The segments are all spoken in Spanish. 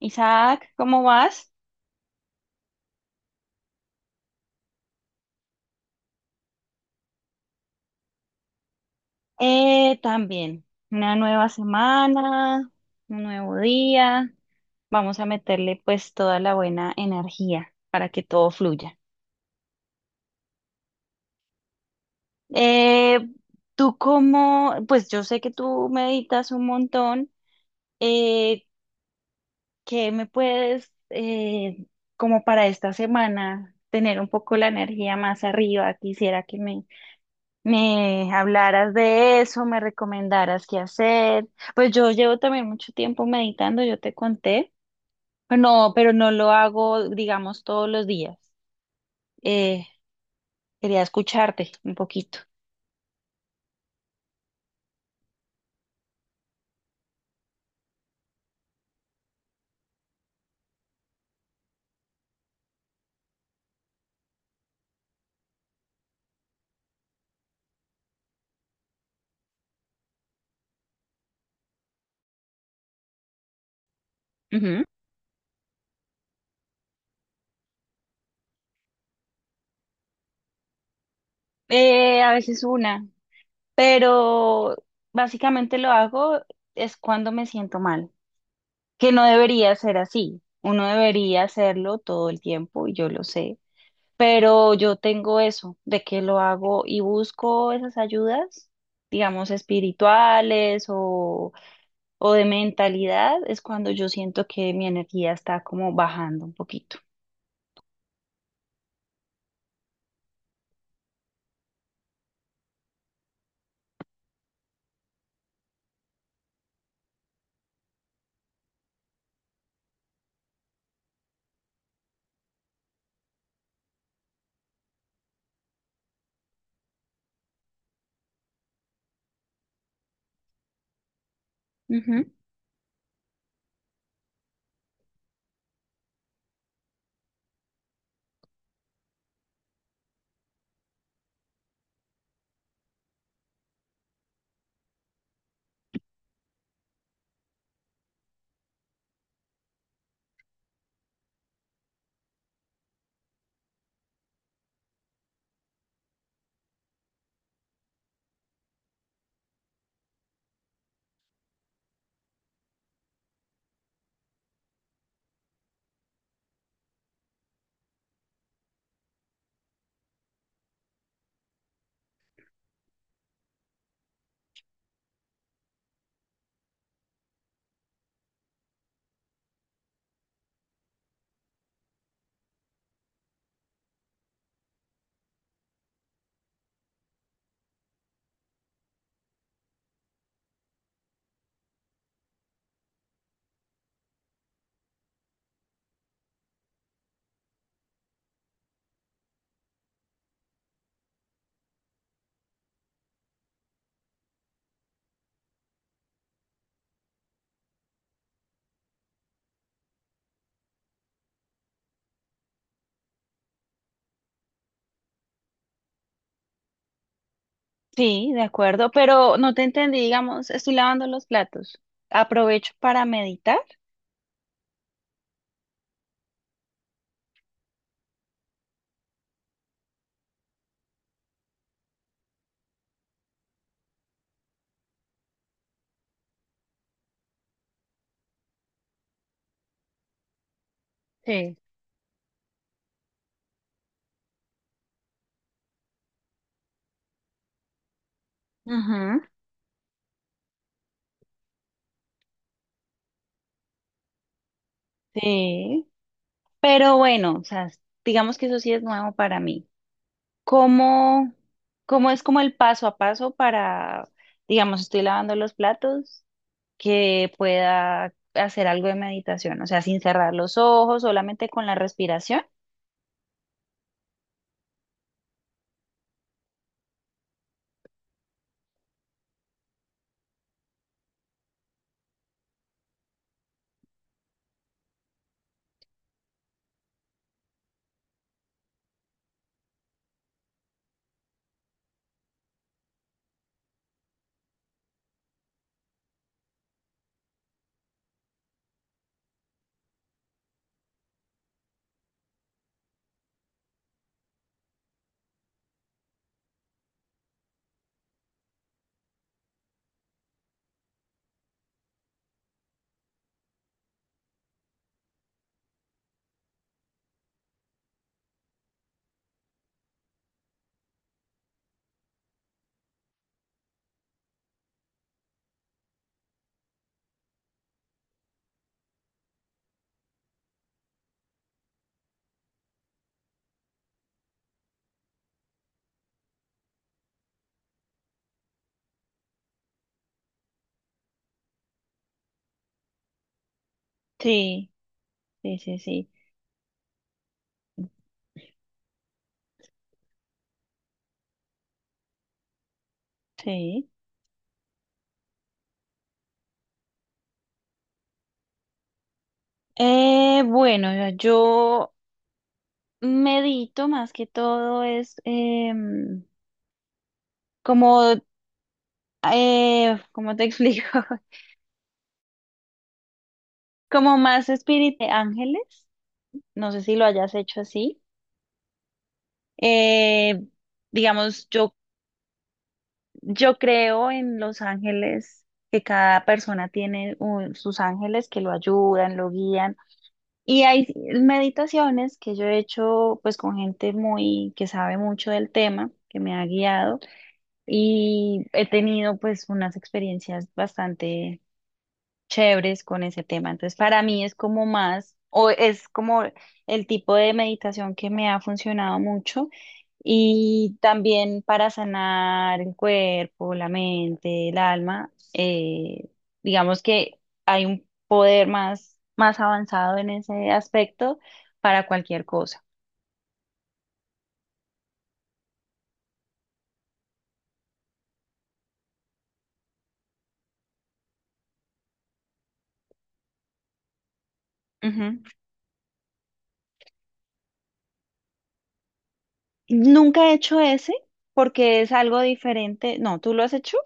Isaac, ¿cómo vas? También, una nueva semana, un nuevo día. Vamos a meterle pues toda la buena energía para que todo fluya. Eh, Tú cómo, pues yo sé que tú meditas un montón. Eh, ¿Qué me puedes, como para esta semana, tener un poco la energía más arriba? Quisiera que me hablaras de eso, me recomendaras qué hacer. Pues yo llevo también mucho tiempo meditando, yo te conté. No, pero no lo hago, digamos, todos los días. Eh, Quería escucharte un poquito. Ujú. A veces una, pero básicamente lo hago es cuando me siento mal, que no debería ser así. Uno debería hacerlo todo el tiempo y yo lo sé. Pero yo tengo eso, de que lo hago y busco esas ayudas, digamos, espirituales o de mentalidad, es cuando yo siento que mi energía está como bajando un poquito. Ujú. Sí, de acuerdo, pero no te entendí, digamos, estoy lavando los platos. Aprovecho para meditar. Sí. Ujú. Sí, pero bueno, o sea, digamos que eso sí es nuevo para mí. ¿Cómo, cómo es como el paso a paso para, digamos, estoy lavando los platos, que pueda hacer algo de meditación? O sea, sin cerrar los ojos, solamente con la respiración. Sí, sí, sí, sí, sí. Bueno, yo medito más que todo es em, como, ¿cómo te explico? Como más espíritu de ángeles. No sé si lo hayas hecho así. Eh, digamos, Yo creo en los ángeles, que cada persona tiene un- sus ángeles que lo ayudan, lo guían. Y hay meditaciones que yo he hecho pues con gente muy que sabe mucho del tema, que me ha guiado y he tenido pues unas experiencias bastante chéveres con ese tema. Entonces, para mí es como más, o es como el tipo de meditación que me ha funcionado mucho y también para sanar el cuerpo, la mente, el alma, digamos que hay un poder más, más avanzado en ese aspecto para cualquier cosa. Ujú. Nunca he hecho ese porque es algo diferente. No, ¿tú lo has hecho?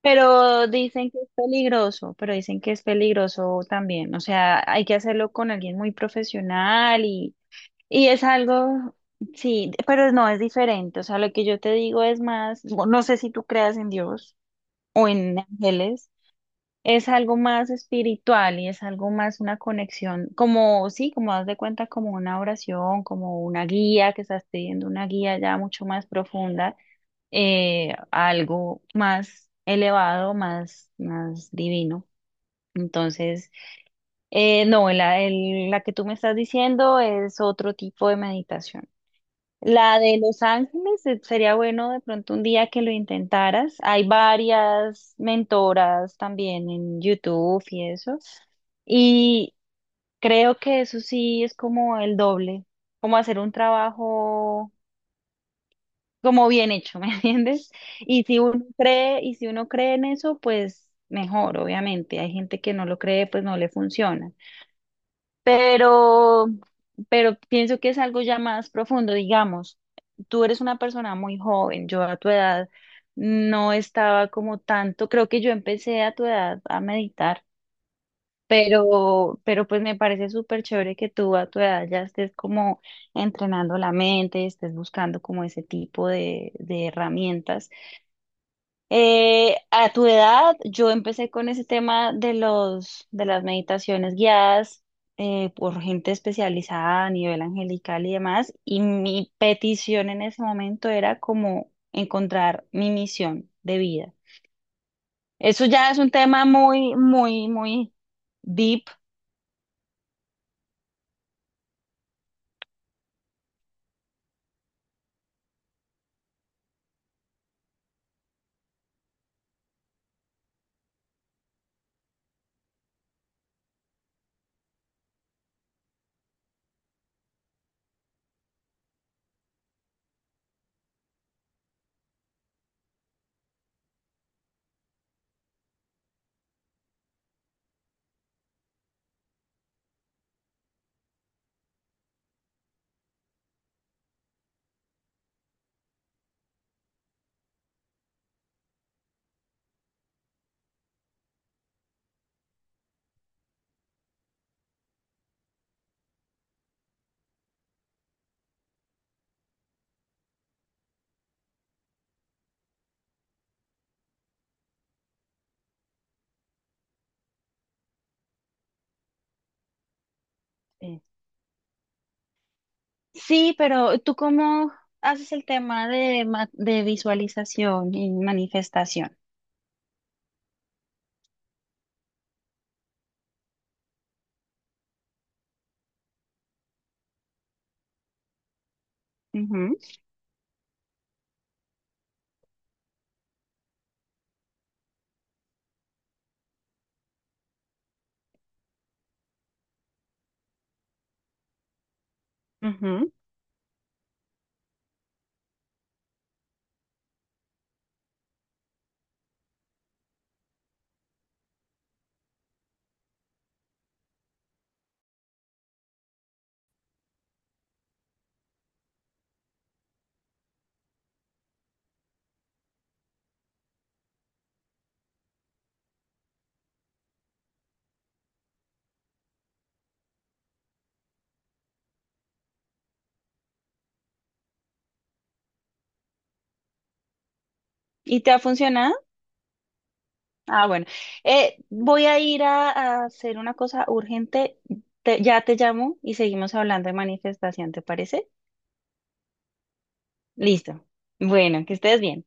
Pero dicen que es peligroso, pero dicen que es peligroso también. O sea, hay que hacerlo con alguien muy profesional y es algo, sí, pero no es diferente. O sea, lo que yo te digo es más, no no sé si tú creas en Dios o en ángeles, es algo más espiritual y es algo más una conexión, como, sí, como das de cuenta, como una oración, como una guía, que estás pidiendo una guía ya mucho más profunda a algo más elevado, más, más divino. Entonces, no, la que tú me estás diciendo es otro tipo de meditación. La de Los Ángeles, sería bueno de pronto un día que lo intentaras. Hay varias mentoras también en YouTube y eso. Y creo que eso sí es como el doble, como hacer un trabajo como bien hecho, ¿me entiendes? Y si uno cree, y si uno cree en eso, pues mejor, obviamente. Hay gente que no lo cree, pues no le funciona. Pero, pero pienso que es algo ya más profundo, digamos. Tú eres una persona muy joven, yo a tu edad no estaba como tanto, creo que yo empecé a tu edad a meditar, pero pues me parece súper chévere que tú a tu edad ya estés como entrenando la mente, estés buscando como ese tipo de herramientas. A tu edad, yo empecé con ese tema de de las meditaciones guiadas por gente especializada a nivel angelical y demás, y mi petición en ese momento era como encontrar mi misión de vida. Eso ya es un tema muy, muy, muy deep. Eh. Sí, pero ¿tú cómo haces el tema de, ma- de visualización y manifestación? Ujú, ujú. ¿Y te ha funcionado? Ah, bueno. Voy a ir a hacer una cosa urgente. Te- ya te llamo y seguimos hablando de manifestación, ¿te parece? Listo. Bueno, que estés bien.